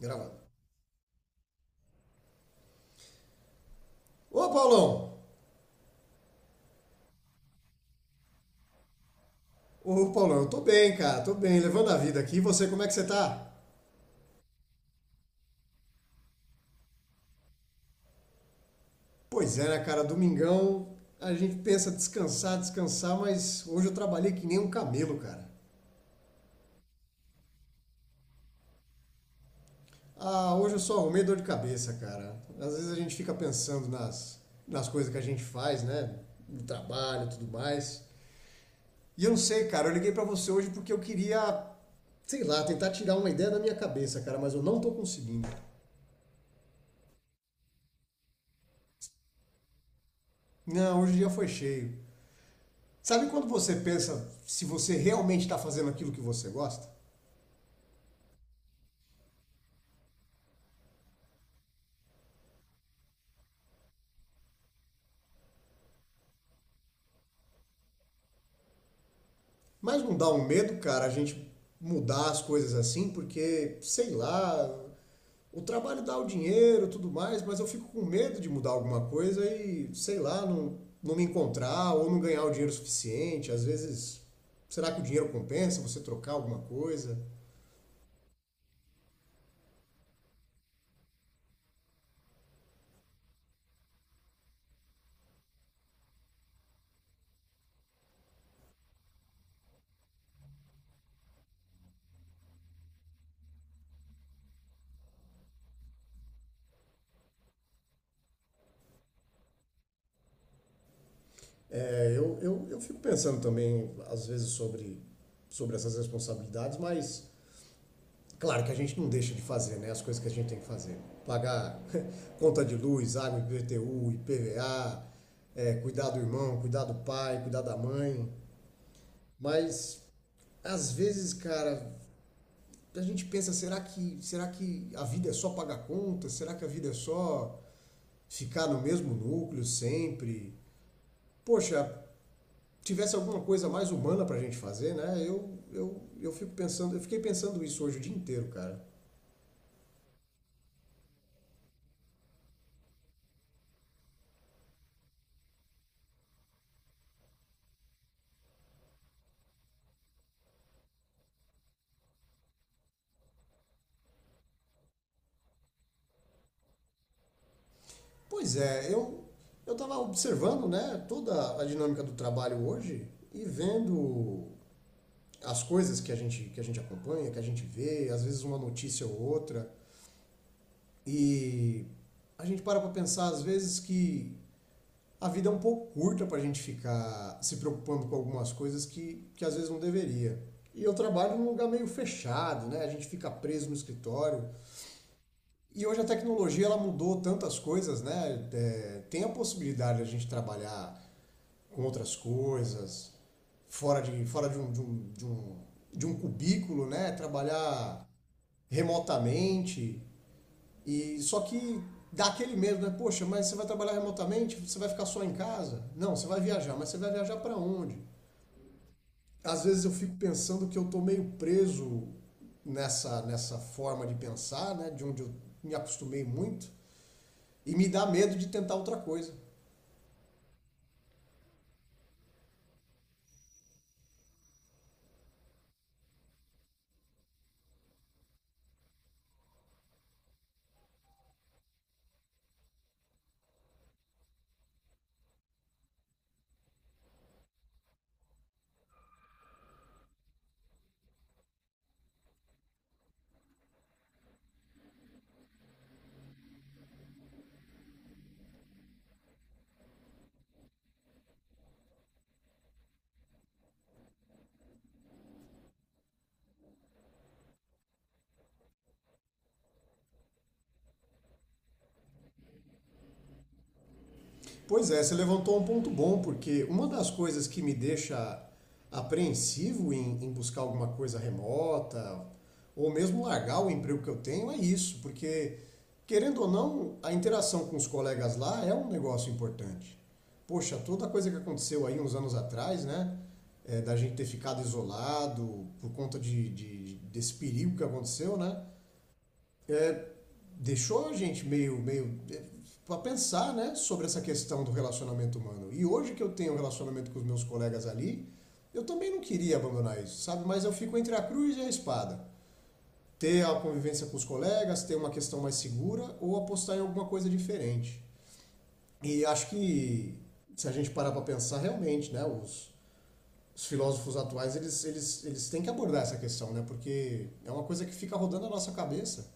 Gravando. Ô, Paulão! Ô, Paulão, eu tô bem, cara, tô bem, levando a vida aqui. E você, como é que você tá? Pois é, né, cara, domingão a gente pensa descansar, mas hoje eu trabalhei que nem um camelo, cara. Ah, hoje eu só arrumei dor de cabeça, cara. Às vezes a gente fica pensando nas coisas que a gente faz, né, no trabalho e tudo mais. E eu não sei, cara, eu liguei pra você hoje porque eu queria, sei lá, tentar tirar uma ideia da minha cabeça, cara, mas eu não tô conseguindo. Não, hoje o dia foi cheio. Sabe quando você pensa se você realmente está fazendo aquilo que você gosta? Mas não dá um medo, cara, a gente mudar as coisas assim, porque, sei lá, o trabalho dá o dinheiro e tudo mais, mas eu fico com medo de mudar alguma coisa e, sei lá, não me encontrar ou não ganhar o dinheiro suficiente. Às vezes, será que o dinheiro compensa você trocar alguma coisa? É, eu fico pensando também, às vezes, sobre essas responsabilidades, mas claro que a gente não deixa de fazer, né, as coisas que a gente tem que fazer. Pagar conta de luz, água, IPTU, IPVA, é, cuidar do irmão, cuidar do pai, cuidar da mãe. Mas às vezes, cara, a gente pensa, será que a vida é só pagar conta? Será que a vida é só ficar no mesmo núcleo sempre? Poxa, tivesse alguma coisa mais humana pra gente fazer, né? Eu fico pensando, eu fiquei pensando isso hoje o dia inteiro, cara. Pois é, eu estava observando, né, toda a dinâmica do trabalho hoje e vendo as coisas que a gente acompanha, que a gente vê, às vezes uma notícia ou outra. E a gente para para pensar, às vezes, que a vida é um pouco curta para a gente ficar se preocupando com algumas coisas que às vezes não deveria. E eu trabalho num lugar meio fechado, né? A gente fica preso no escritório. E hoje a tecnologia ela mudou tantas coisas, né? É, tem a possibilidade de a gente trabalhar com outras coisas, fora de, um, de, um, de, um, de um cubículo, né? Trabalhar remotamente. Só que dá aquele medo, né? Poxa, mas você vai trabalhar remotamente? Você vai ficar só em casa? Não, você vai viajar, mas você vai viajar para onde? Às vezes eu fico pensando que eu tô meio preso nessa forma de pensar, né? De onde eu me acostumei muito. E me dá medo de tentar outra coisa. Pois é, você levantou um ponto bom, porque uma das coisas que me deixa apreensivo em, buscar alguma coisa remota, ou mesmo largar o emprego que eu tenho, é isso, porque, querendo ou não, a interação com os colegas lá é um negócio importante. Poxa, toda a coisa que aconteceu aí uns anos atrás, né? É, da gente ter ficado isolado por conta desse perigo que aconteceu, né? É, deixou a gente meio é, para pensar, né, sobre essa questão do relacionamento humano. E hoje que eu tenho um relacionamento com os meus colegas ali, eu também não queria abandonar isso, sabe? Mas eu fico entre a cruz e a espada. Ter a convivência com os colegas, ter uma questão mais segura ou apostar em alguma coisa diferente. E acho que se a gente parar para pensar realmente, né, os, filósofos atuais, eles têm que abordar essa questão, né? Porque é uma coisa que fica rodando a nossa cabeça.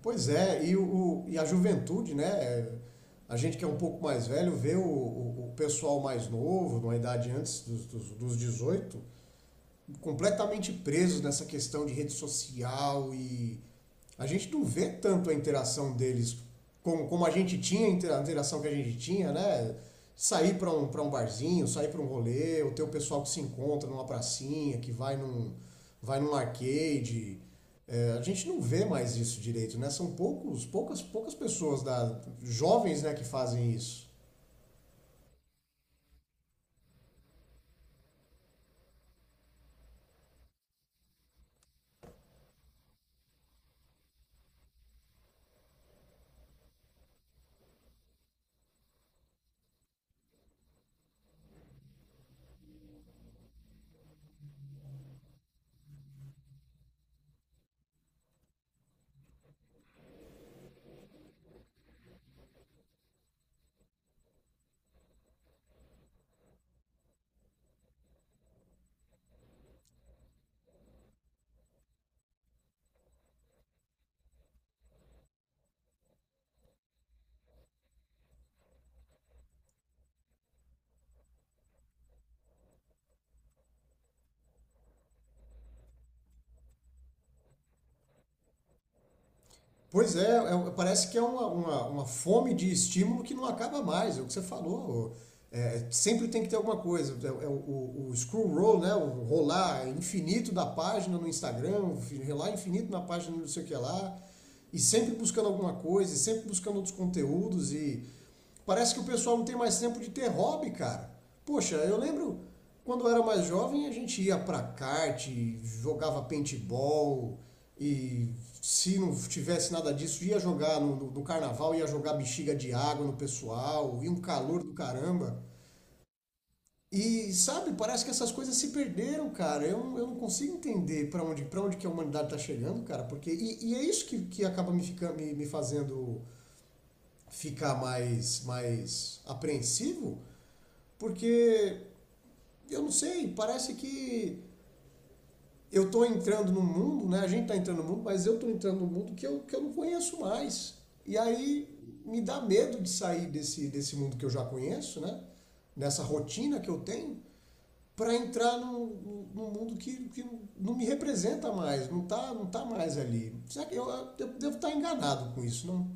Pois é, e a juventude, né? É, a gente que é um pouco mais velho vê o pessoal mais novo, numa idade antes dos 18, completamente presos nessa questão de rede social. E a gente não vê tanto a interação deles como, como a gente tinha, a interação que a gente tinha, né? Sair para para um barzinho, sair para um rolê, ou ter o pessoal que se encontra numa pracinha, que vai num arcade. É, a gente não vê mais isso direito, né? São poucos, poucas pessoas da, jovens, né, que fazem isso. Pois é, parece que é uma fome de estímulo que não acaba mais, é o que você falou. É, sempre tem que ter alguma coisa. É, é o scroll roll, né? O rolar infinito da página no Instagram, o rolar infinito na página não sei o que lá, e sempre buscando alguma coisa, e sempre buscando outros conteúdos, e parece que o pessoal não tem mais tempo de ter hobby, cara. Poxa, eu lembro quando eu era mais jovem, a gente ia pra kart, jogava paintball e se não tivesse nada disso, ia jogar no carnaval, ia jogar bexiga de água no pessoal, e um calor do caramba. E sabe, parece que essas coisas se perderam, cara. Eu não consigo entender pra onde, para onde que a humanidade tá chegando, cara, porque e é isso que acaba me, fica, me fazendo ficar mais apreensivo, porque eu não sei, parece que eu estou entrando no mundo, né? A gente está entrando no mundo, mas eu estou entrando no mundo que que eu não conheço mais. E aí me dá medo de sair desse mundo que eu já conheço, né? Nessa rotina que eu tenho, para entrar num mundo que não me representa mais, não tá mais ali. Será que eu devo estar enganado com isso, não?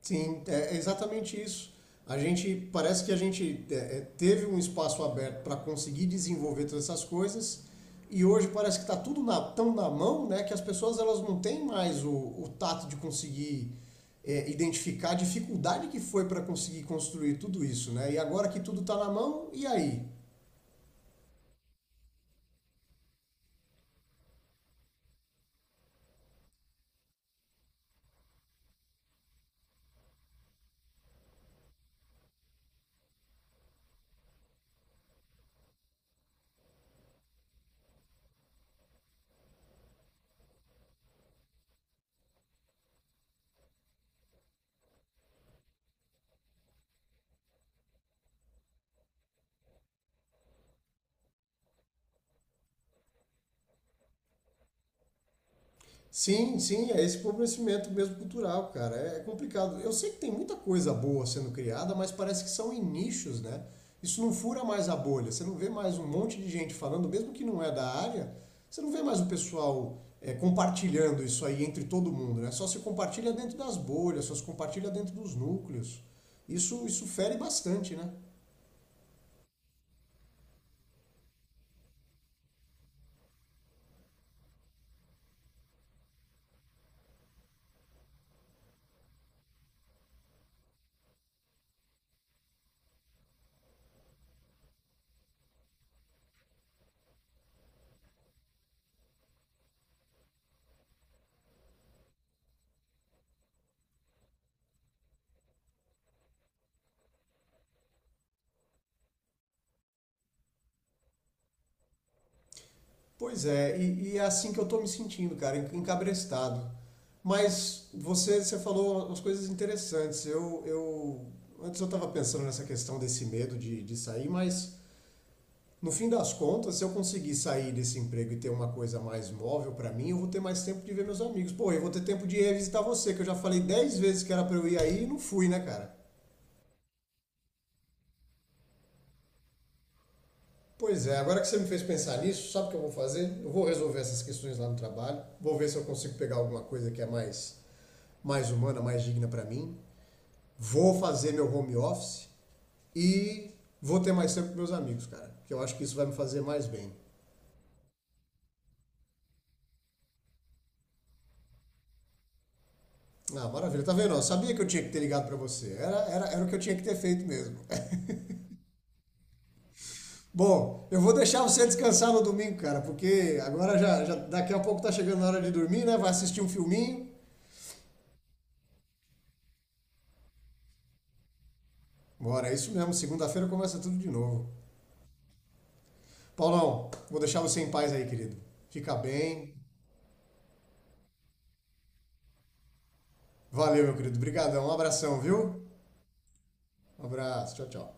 Sim, é exatamente isso. A gente parece que a gente teve um espaço aberto para conseguir desenvolver todas essas coisas e hoje parece que está tudo tão na mão, né, que as pessoas, elas não têm mais o tato de conseguir é, identificar a dificuldade que foi para conseguir construir tudo isso, né? E agora que tudo está na mão, e aí? Sim, sim, é esse empobrecimento mesmo cultural, cara. É complicado. Eu sei que tem muita coisa boa sendo criada, mas parece que são em nichos, né? Isso não fura mais a bolha. Você não vê mais um monte de gente falando, mesmo que não é da área, você não vê mais o pessoal é, compartilhando isso aí entre todo mundo, né? Só se compartilha dentro das bolhas, só se compartilha dentro dos núcleos. Isso fere bastante, né? Pois é, e é assim que eu tô me sentindo, cara, encabrestado. Mas você, falou umas coisas interessantes. Eu antes eu estava pensando nessa questão desse medo de sair, mas no fim das contas, se eu conseguir sair desse emprego e ter uma coisa mais móvel para mim, eu vou ter mais tempo de ver meus amigos. Pô, eu vou ter tempo de ir visitar você, que eu já falei 10 vezes que era para eu ir aí e não fui, né, cara? Pois é, agora que você me fez pensar nisso, sabe o que eu vou fazer? Eu vou resolver essas questões lá no trabalho, vou ver se eu consigo pegar alguma coisa que é mais humana, mais digna para mim. Vou fazer meu home office e vou ter mais tempo com meus amigos, cara. Que eu acho que isso vai me fazer mais bem. Ah, maravilha. Tá vendo? Eu sabia que eu tinha que ter ligado para você. Era o que eu tinha que ter feito mesmo. Bom, eu vou deixar você descansar no domingo, cara, porque agora já daqui a pouco tá chegando a hora de dormir, né? Vai assistir um filminho. Bora, é isso mesmo. Segunda-feira começa tudo de novo. Paulão, vou deixar você em paz aí, querido. Fica bem. Valeu, meu querido. Obrigadão. Um abração, viu? Um abraço. Tchau, tchau.